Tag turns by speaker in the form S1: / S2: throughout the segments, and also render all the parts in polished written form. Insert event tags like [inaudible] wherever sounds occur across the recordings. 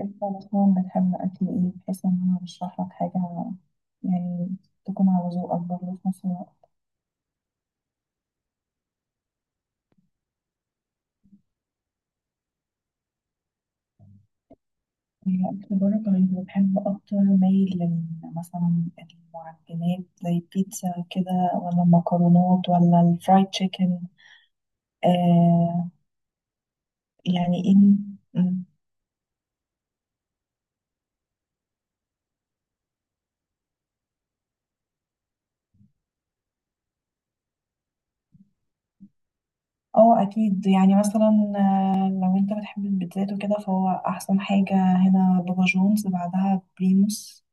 S1: انت مثلا بتحب اكل ايه بحيث ان انا ارشح لك حاجه، يعني تكون على ذوقك برضه في نفس الوقت؟ يعني اكل بره؟ طيب بحب اكتر مايل مثلا المعجنات زي البيتزا كده، ولا المكرونات ولا الفرايد تشيكن؟ آه، يعني ايه؟ مم. اه اكيد، يعني مثلا لو انت بتحب البيتزات وكده فهو احسن حاجه هنا بابا جونز، بعدها بريموس.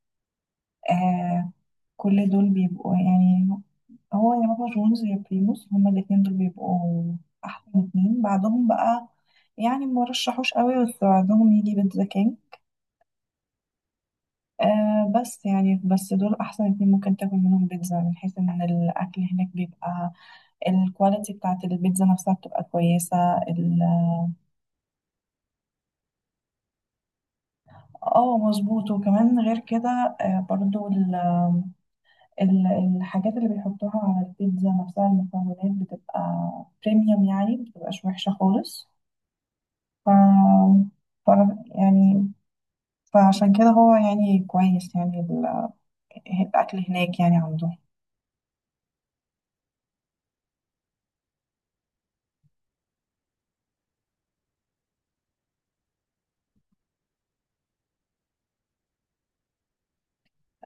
S1: آه، كل دول بيبقوا يعني، هو يا بابا جونز يا بريموس، هما الاتنين دول بيبقوا أحسن اتنين. بعدهم بقى يعني ما رشحوش قوي، بس بعدهم يجي بيتزا كينج. بس يعني بس دول أحسن اتنين ممكن تاكل منهم بيتزا، من حيث إن الأكل هناك بيبقى الكواليتي بتاعت البيتزا نفسها بتبقى كويسة اه مظبوط، وكمان غير كده برضو ال- الحاجات اللي بيحطوها على البيتزا نفسها، المكونات بتبقى بريميوم يعني، بتبقاش وحشة خالص. ف... ف... يعني فعشان كده هو يعني كويس، يعني الأكل هناك يعني عندهم.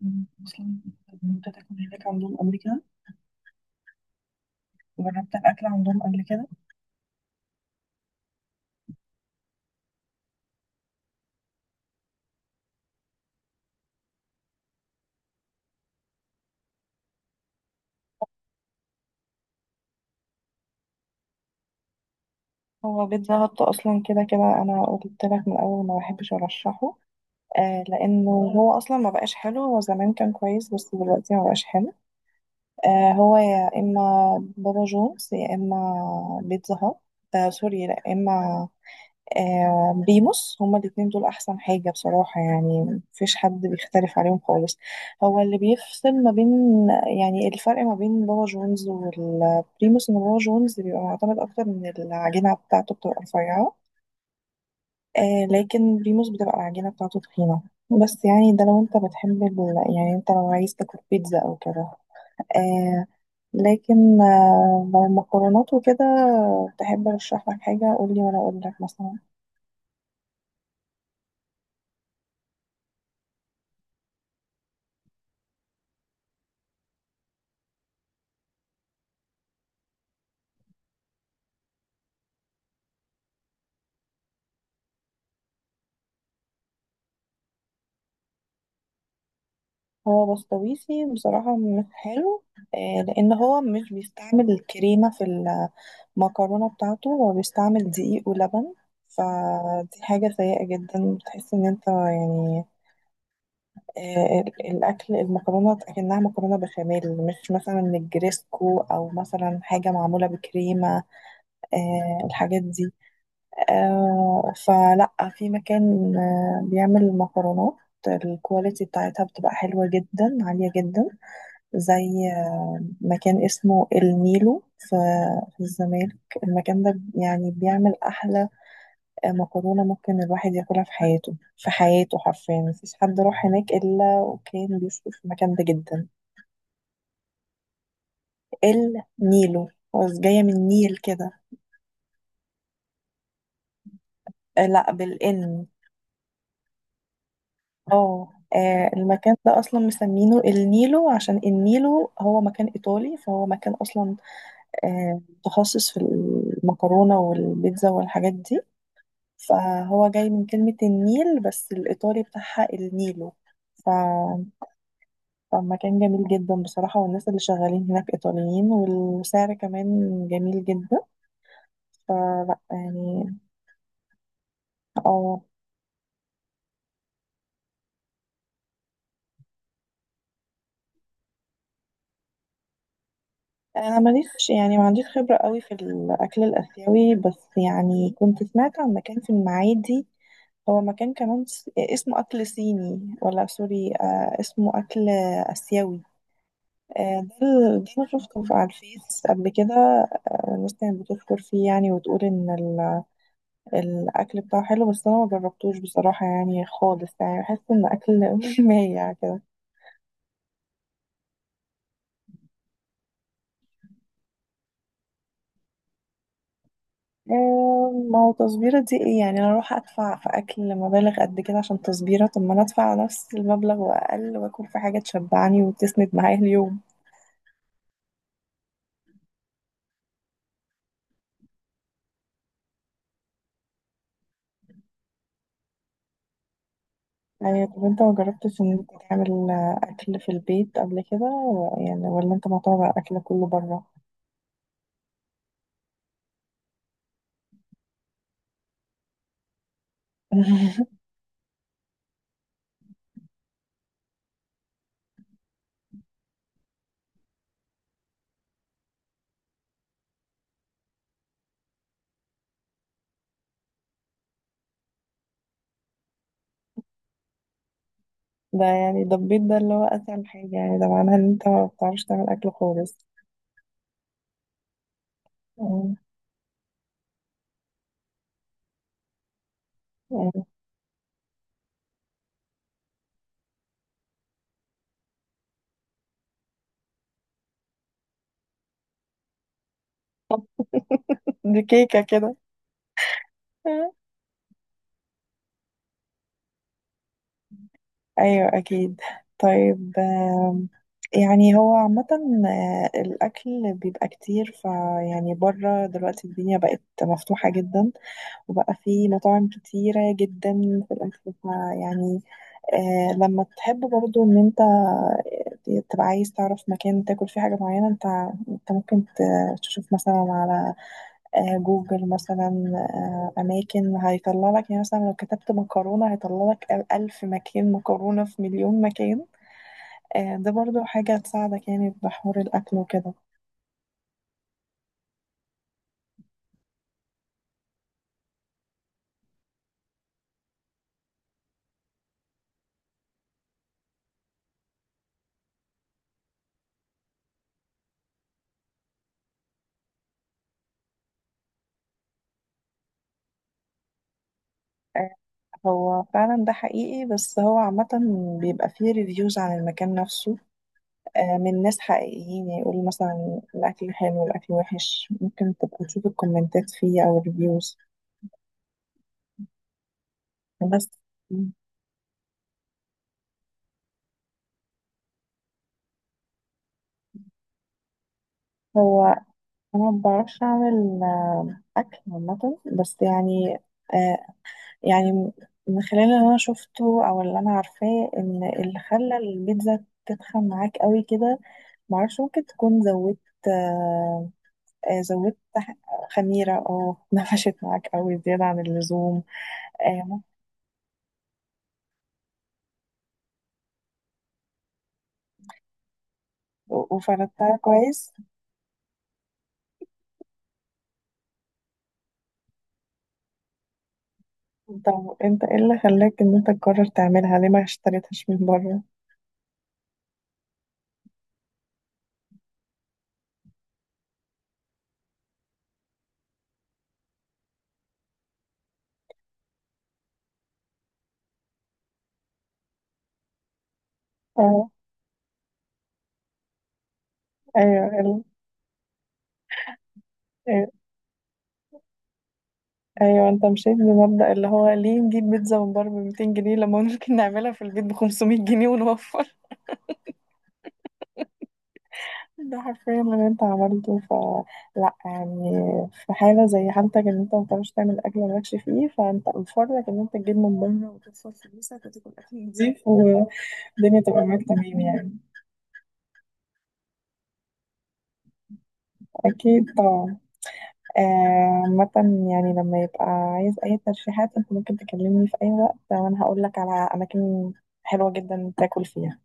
S1: أنا أصلا جربت تاكل هناك عندهم قبل كده؟ جربت الأكل عندهم قبل كده. هو بيتزا هت أصلا كده كده أنا قلت لك من الأول ما بحبش أرشحه. لأنه هو أصلا ما بقاش حلو، هو زمان كان كويس بس دلوقتي ما بقاش حلو. هو يا إما بابا جونز يا إما بيتزا هات سوري، لا، يا إما بريموس. هما الاتنين دول أحسن حاجة بصراحة، يعني مفيش حد بيختلف عليهم خالص. هو اللي بيفصل ما بين، يعني الفرق ما بين بابا جونز والبريموس، إن بابا جونز بيبقى معتمد أكتر، من العجينة بتاعته بتبقى رفيعة. لكن بريموس بتبقى العجينة بتاعته تخينة. بس يعني ده لو انت بتحب يعني انت لو عايز تاكل بيتزا او كده. آه، لكن لو مكرونات وكده، تحب ارشح لك حاجه؟ قول لي وانا اقول لك مثلا. هو بسطويسي بصراحه مش حلو. لان هو مش بيستعمل الكريمه في المكرونه بتاعته، هو بيستعمل دقيق ولبن. فدي حاجه سيئه جدا، بتحس ان انت يعني الاكل، المكرونه اكنها مكرونه بشاميل، مش مثلا نجريسكو او مثلا حاجه معموله بكريمه. الحاجات دي فلا، في مكان بيعمل مكرونات الكواليتي بتاعتها بتبقى حلوة جدا عالية جدا. زي مكان اسمه النيلو في الزمالك. المكان ده يعني بيعمل أحلى مكرونة ممكن الواحد ياكلها في حياته، في حياته حرفيا مفيش حد راح هناك إلا وكان بيشكر في المكان ده جدا. النيلو. هو جاية من نيل كده. لا، بالإن. اه. المكان ده اصلا مسمينه النيلو عشان النيلو هو مكان ايطالي، فهو مكان اصلا متخصص في المكرونه والبيتزا والحاجات دي. فهو جاي من كلمه النيل بس الايطالي بتاعها النيلو. ف... فمكان جميل جدا بصراحه، والناس اللي شغالين هناك ايطاليين، والسعر كمان جميل جدا. فلا يعني. اه، انا ماليش يعني، ما عنديش خبره قوي في الاكل الاسيوي، بس يعني كنت سمعت عن مكان في المعادي. هو مكان كمان اسمه اكل صيني ولا سوري اسمه اكل اسيوي. ده ده انا شفته على الفيس قبل كده. الناس كانت بتشكر فيه يعني، وتقول ان الاكل بتاعه حلو، بس انا ما جربتوش بصراحه، يعني خالص، يعني بحس ان اكل [laughs] مايع كده. ما هو تصبيرة دي ايه يعني؟ انا اروح ادفع في اكل مبالغ قد كده عشان تصبيرة؟ طب ما انا ادفع نفس المبلغ واقل، واكل في حاجة تشبعني وتسند معايا اليوم. طب انت ما جربتش ان انت تعمل اكل في البيت قبل كده يعني، ولا انت معتمد على الاكل كله بره؟ [laughs] ده يعني ده البيت، ده اللي هو اسهل حاجة يعني، ده معناها ان انت ما بتعرفش تعمل اكل خالص. آه، آه. طب دي كيكة كده. ايوه اكيد. طيب يعني هو عامة الأكل بيبقى كتير، فيعني بره دلوقتي الدنيا بقت مفتوحة جدا، وبقى في مطاعم كتيرة جدا في الأكل، فيعني لما تحب برضو إن أنت تبقى عايز تعرف مكان تاكل فيه حاجة معينة، أنت ممكن تشوف مثلا على جوجل مثلا. أماكن هيطلع لك، يعني مثلا لو كتبت مكرونة هيطلع لك ألف مكان مكرونة في مليون مكان. ده برضو حاجة تساعدك يعني في حوار الأكل وكده. آه، هو فعلا ده حقيقي، بس هو عامة بيبقى فيه ريفيوز عن المكان نفسه من ناس حقيقيين يعني، يقولوا مثلا الأكل حلو، الأكل وحش. ممكن تبقى تشوف الكومنتات فيه أو الريفيوز. بس هو أنا مبعرفش أعمل أكل عامة، بس يعني آه، يعني من خلال اللي انا شفته او اللي انا عارفاه، ان اللي خلى البيتزا تتخن معاك قوي كده، معرفش ممكن تكون زودت آه زودت خميرة، او [laughs] نفشت معاك قوي زيادة عن اللزوم. آه ممكن- وفردتها كويس؟ طب انت ايه اللي خلاك ان انت تقرر تعملها؟ ليه ما اشتريتهاش من بره؟ اه، ايوه ايوه، أيوة. انت مشيت بمبدأ اللي هو ليه نجيب بيتزا من بره ب 200 جنيه، لما ممكن نعملها في البيت ب 500 جنيه ونوفر. ده حرفيا اللي انت عملته، فلا يعني في حالة زي حالتك، ان انت ما بتعرفش تعمل اكل مالكش فيه، فانت مفرك ان انت تجيب من بره وتدفع فلوسك وتاكل اكل نضيف، والدنيا تبقى معاك تمام يعني. اكيد طبعا. آه، عامة يعني لما يبقى عايز اي ترشيحات، انت ممكن تكلمني في اي وقت، وانا هقول لك على اماكن حلوة جدا تاكل فيها.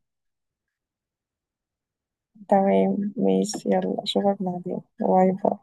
S1: تمام ماشي، يلا اشوفك بعدين. باي باي.